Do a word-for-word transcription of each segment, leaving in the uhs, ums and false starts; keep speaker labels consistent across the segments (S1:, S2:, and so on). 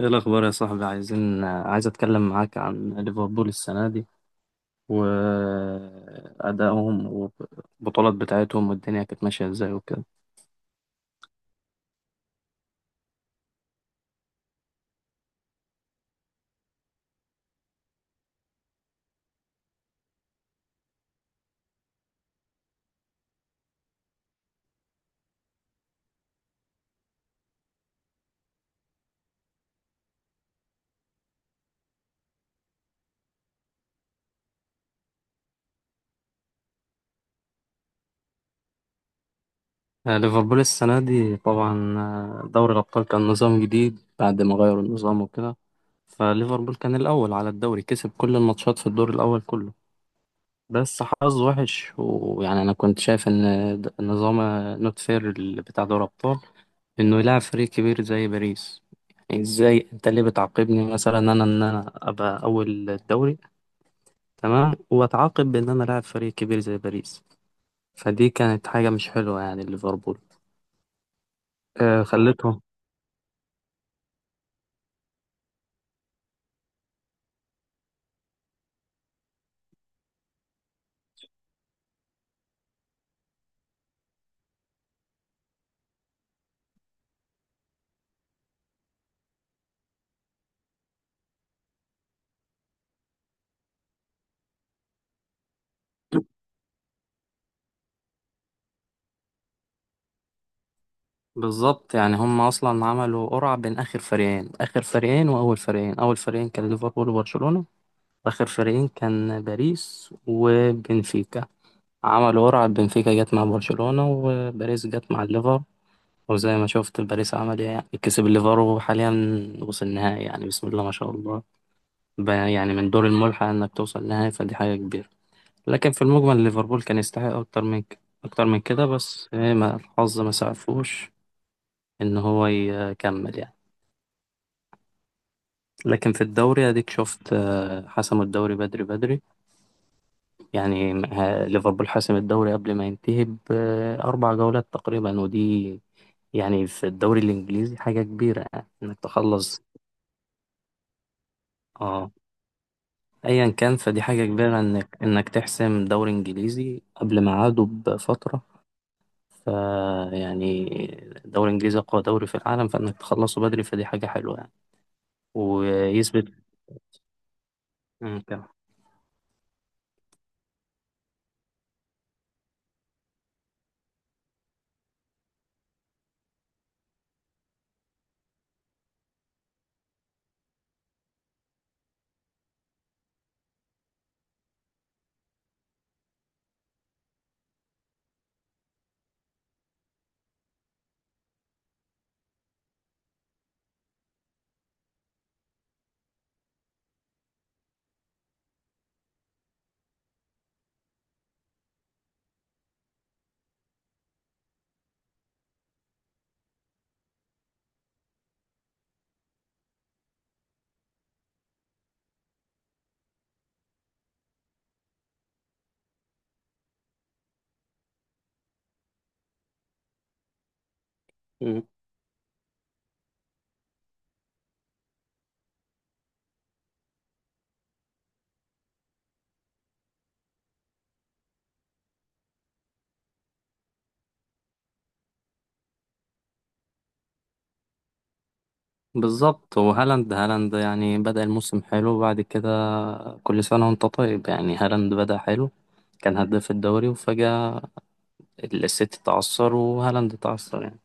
S1: ايه الاخبار يا صاحبي؟ عايزين عايز اتكلم معاك عن ليفربول السنه دي وادائهم والبطولات بتاعتهم والدنيا كانت ماشيه ازاي وكده. آه، ليفربول السنه دي طبعا، آه، دوري الابطال كان نظام جديد بعد ما غيروا النظام وكده. فليفربول كان الاول على الدوري، كسب كل الماتشات في الدور الاول كله، بس حظ وحش. ويعني انا كنت شايف ان د- نظام نوت فير بتاع دوري ابطال انه يلعب فريق كبير زي باريس. يعني ازاي انت ليه بتعاقبني؟ مثلا انا ان انا ابقى اول الدوري، تمام، واتعاقب بان انا لاعب فريق كبير زي باريس. فدي كانت حاجه مش حلوه يعني ليفربول. آه خلتهم. بالظبط، يعني هم اصلا عملوا قرعه بين اخر فريقين اخر فريقين واول فريقين. اول فريقين كان ليفربول وبرشلونه، واخر فريقين كان باريس وبنفيكا. عمل قرعة، بنفيكا جت مع برشلونة، وباريس جت مع الليفر. وزي ما شفت باريس عمل ايه، يعني كسب الليفر، وحاليا وصل النهائي، يعني بسم الله ما شاء الله. ب- يعني من دور الملحق انك توصل نهائي، فدي حاجة كبيرة. لكن في المجمل ليفربول كان يستحق اكتر من ك- اكتر من كده، بس ايه، ما الحظ ما سعفوش ان هو يكمل يعني. لكن في الدوري اديك شفت، آه، حسموا الدوري بدري بدري. يعني ه- ليفربول حاسم الدوري قبل ما ينتهي بأربع جولات تقريبا، ودي يعني في الدوري الإنجليزي حاجة كبيرة، يعني إنك تخلص. اه. أيا كان، فدي حاجة كبيرة إنك إنك تحسم دوري إنجليزي قبل ميعاده بفترة. ف يعني الدوري الإنجليزي أقوى دوري في العالم، فإنك تخلصه بدري فدي حاجة حلوة يعني. ويثبت. مم، كمل. بالظبط. وهالاند هالاند يعني بدأ الموسم حلو، وبعد كده، كل سنة وانت طيب، يعني هالاند بدأ حلو، كان هداف الدوري، وفجأة السيتي اتعثر وهالاند اتعثر يعني.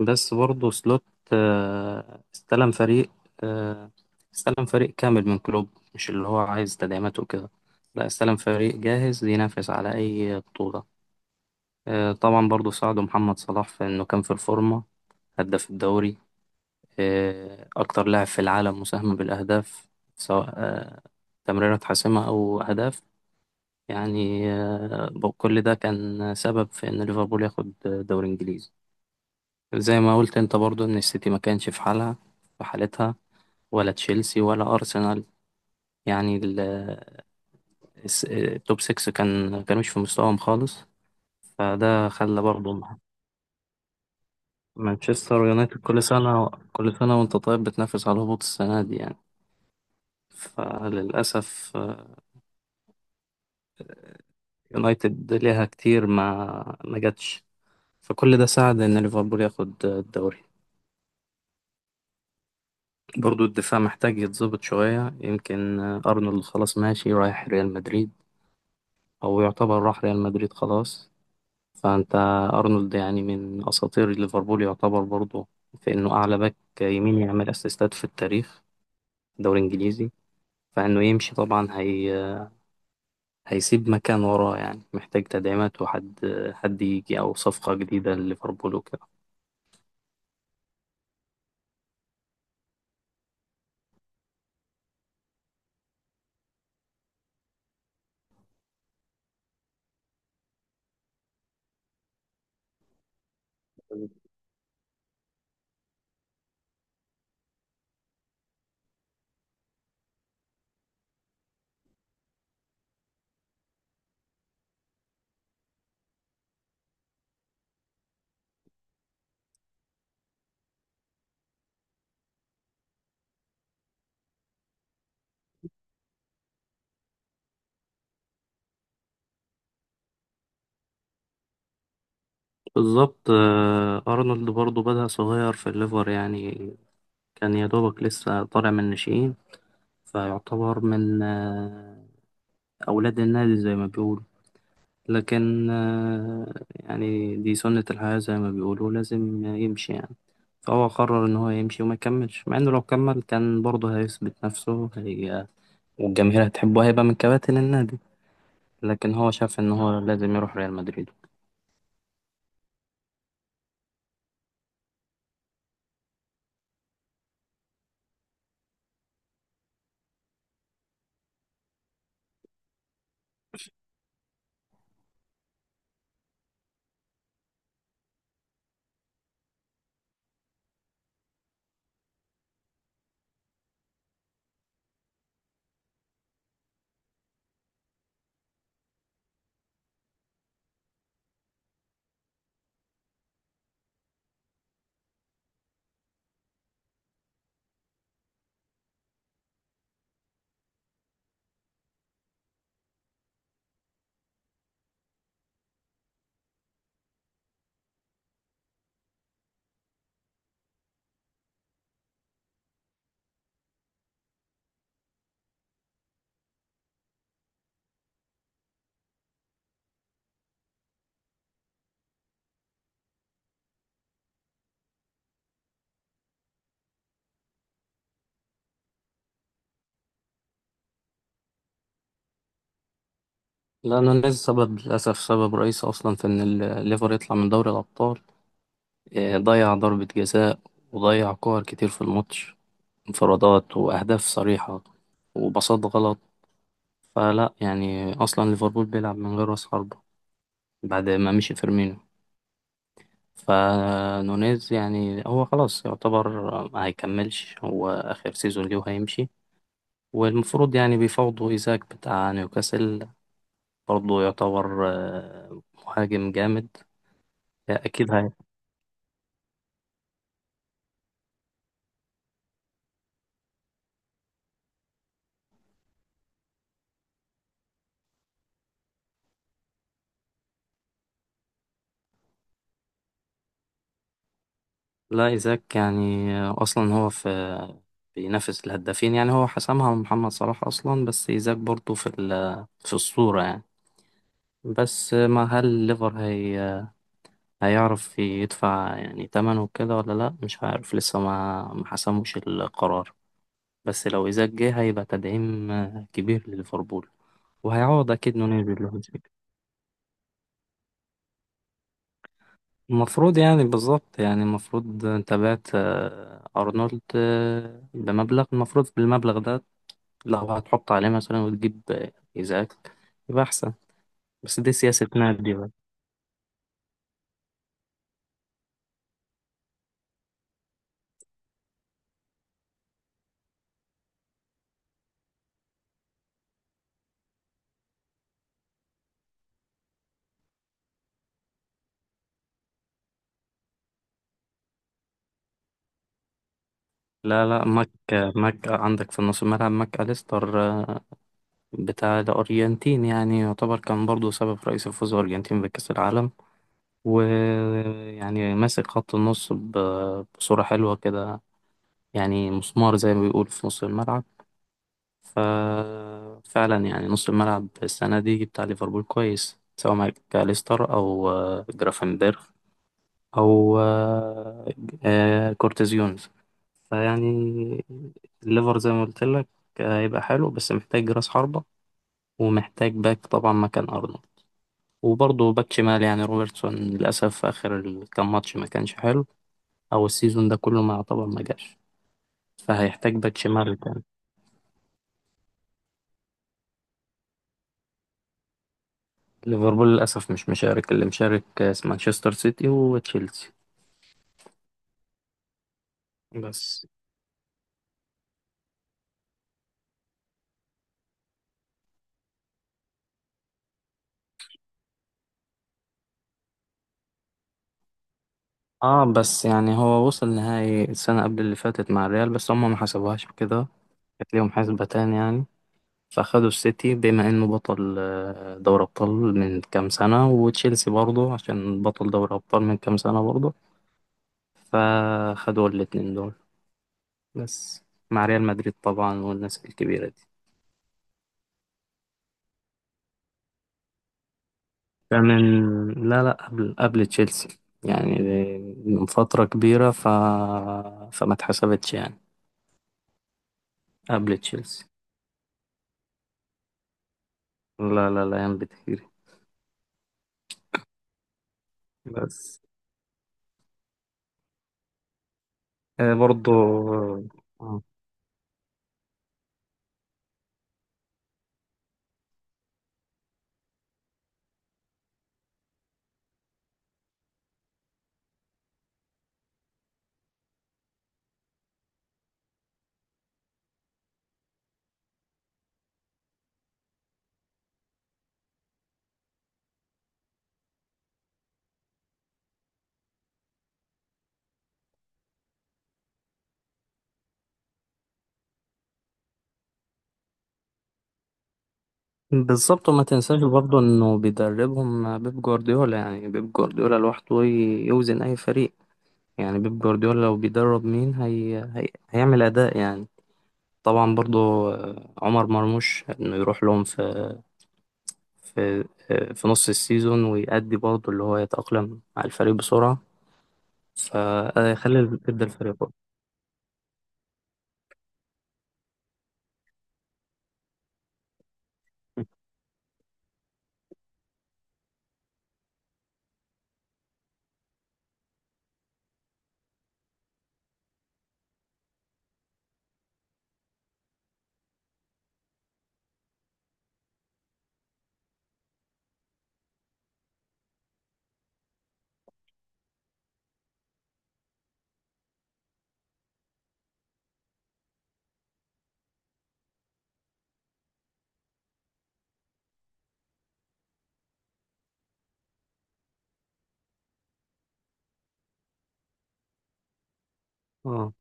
S1: بس برضه سلوت، آه، استلم فريق آه، استلم فريق كامل من كلوب، مش اللي هو عايز تدعيمات وكده. لا، استلم فريق جاهز ينافس على أي بطولة. آه، طبعا برضه ساعده محمد صلاح في إنه كان في الفورمة، هداف الدوري، آه، أكتر لاعب في العالم مساهمة بالأهداف، سواء آه، تمريرات حاسمة أو أهداف. يعني آه، ب- كل ده كان سبب في إن ليفربول ياخد دوري إنجليزي. زي ما قلت أنت برضو، إن السيتي ما كانش في حالها في حالتها، ولا تشيلسي ولا أرسنال. يعني ال- الس- التوب ستة كان كانوش في مستواهم خالص. فده خلى برضو مع- مانشستر يونايتد كل سنة، كل سنة وأنت طيب بتنافس على الهبوط، السنة دي يعني. فللأسف آه، يونايتد ليها كتير ما ما جاتش. فكل ده ساعد ان ليفربول ياخد الدوري. برضو الدفاع محتاج يتظبط شوية، يمكن ارنولد خلاص ماشي رايح ريال مدريد، او يعتبر راح ريال مدريد خلاص. فانت ارنولد يعني من اساطير ليفربول يعتبر برضو، في انه اعلى باك يمين يعمل اسيستات في التاريخ دوري انجليزي. فانه يمشي طبعا هي هيسيب مكان وراه، يعني محتاج تدعيمات، وحد حد يجي، او صفقة جديدة لليفربول وكده. بالظبط. آه، أرنولد برضه بدأ صغير في الليفر، يعني كان يا دوبك لسه طالع من الناشئين. فيعتبر من آه، أولاد النادي زي ما بيقولوا. لكن آه، يعني دي سنة الحياة زي ما بيقولوا، لازم يمشي يعني. فهو قرر إن هو يمشي وما يكملش، مع إنه لو كمل كان برضه هيثبت نفسه، هي والجماهير هتحبه، هيبقى من كباتن النادي. لكن هو شاف إن هو لازم يروح ريال مدريد. لأنه نيز سبب، للأسف سبب رئيسي أصلا في إن الليفر يطلع من دوري الأبطال. آه، ضيع ضربة جزاء، وضيع كور كتير في الماتش، انفرادات وأهداف صريحة، وباصات غلط. فلا يعني أصلا ليفربول بيلعب من غير رأس حربة بعد ما مشي فيرمينو. فنونيز يعني هو خلاص يعتبر ما هيكملش، هو آخر سيزون ليه وهيمشي. والمفروض يعني بيفاوضوا إيزاك بتاع نيوكاسل، برضه يعتبر آه، مهاجم جامد. آه، أكيد. لا، إيزاك يعني أصلا هو في، بينافس الهدافين، يعني هو حسمها من محمد صلاح أصلا. بس إيزاك برضه في ال- في الصورة يعني. بس ما هل الليفر هي هيعرف يدفع يعني تمنه وكده ولا لا؟ مش عارف لسه، ما ما حسموش القرار. بس لو إيزاك جه هيبقى تدعيم كبير لليفربول، وهيعوض أكيد نونيز باللون. المفروض يعني، بالظبط يعني، المفروض انت بعت آه، أرنولد آه، بمبلغ، المفروض بالمبلغ ده لو هتحط عليه مثلا وتجيب إزاك يبقى أحسن. بس دي سياسة نادي بقى. لا لا، ماك ماك عندك في نص الملعب، ماك أليستر آه، بتاع الأرجنتين، يعني يعتبر كان برضو سبب رئيسي في فوز الأرجنتين بكأس العالم، ويعني ماسك خط النص ب- بصورة حلوة كده. يعني مسمار زي ما بيقول في نص الملعب. ففعلا يعني نص الملعب السنة دي بتاع ليفربول كويس، سواء ماك أليستر أو آه، جرافنبرغ او آه، آه، كورتيزيونز. فيعني الليفر زي ما قلت لك آه، هيبقى حلو، بس محتاج راس حربة، ومحتاج باك طبعا مكان أرنولد، وبرضه باك شمال. يعني روبرتسون للأسف في آخر ال- كام ماتش ما كانش حلو، أو السيزون ده كله ما يعتبر ما جاش. فهيحتاج باك شمال تاني. ليفربول للأسف مش مشارك، اللي مشارك آه، مانشستر سيتي وتشيلسي. بس، اه، بس يعني هو وصل نهائي السنة قبل اللي فاتت مع الريال، بس هم ما حسبوهاش كده، كانت ليهم حسبتان يعني. فأخدوا السيتي بما إنه بطل آه، دوري أبطال من كام سنة، وتشيلسي برضه عشان بطل دوري أبطال من كام سنة برضه. فأخدوا الاتنين دول، بس مع ريال مدريد طبعا والناس الكبيرة دي. ده من، لا لا، قبل قبل تشيلسي يعني، من فترة كبيرة ف... فما اتحسبتش يعني. قبل تشيلسي، لا لا لا، أيام بتهيري. بس آه، برضه آه، بالظبط. وما تنساش برضه انه بيدربهم بيب جوارديولا، يعني بيب جوارديولا لوحده ي- يوزن اي فريق. يعني بيب جوارديولا لو بيدرب مين هي... هي... هيعمل اداء يعني. طبعا برضه آه، عمر مرموش انه يروح لهم في في آه، في نص السيزون، ويأدي برضه اللي هو يتأقلم مع الفريق بسرعة. فخلي، ادى الفريق برضه. آه.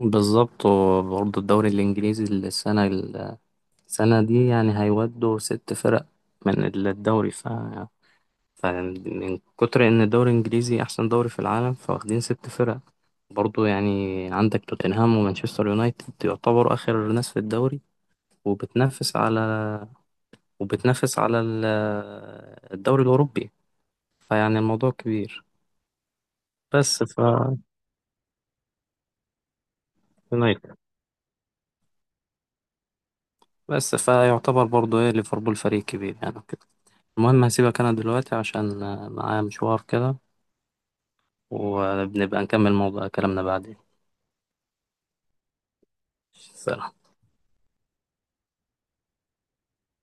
S1: بالظبط. وبرضه الدوري الإنجليزي السنة السنة دي يعني هيودوا ست فرق من الدوري. ف... فمن كتر إن الدوري الإنجليزي أحسن دوري في العالم، فواخدين ست فرق برضه يعني. عندك توتنهام ومانشستر يونايتد يعتبروا آخر ناس في الدوري، وبتنافس على وبتنافس على ال- الدوري الأوروبي. فيعني الموضوع كبير. بس ف يونايتد، بس فيعتبر برضه إيه، ليفربول فريق كبير يعني. المهم، هسيبك أنا دلوقتي عشان آه، معايا مشوار كده، وبنبقى نكمل موضوع كلامنا بعدين. سلام.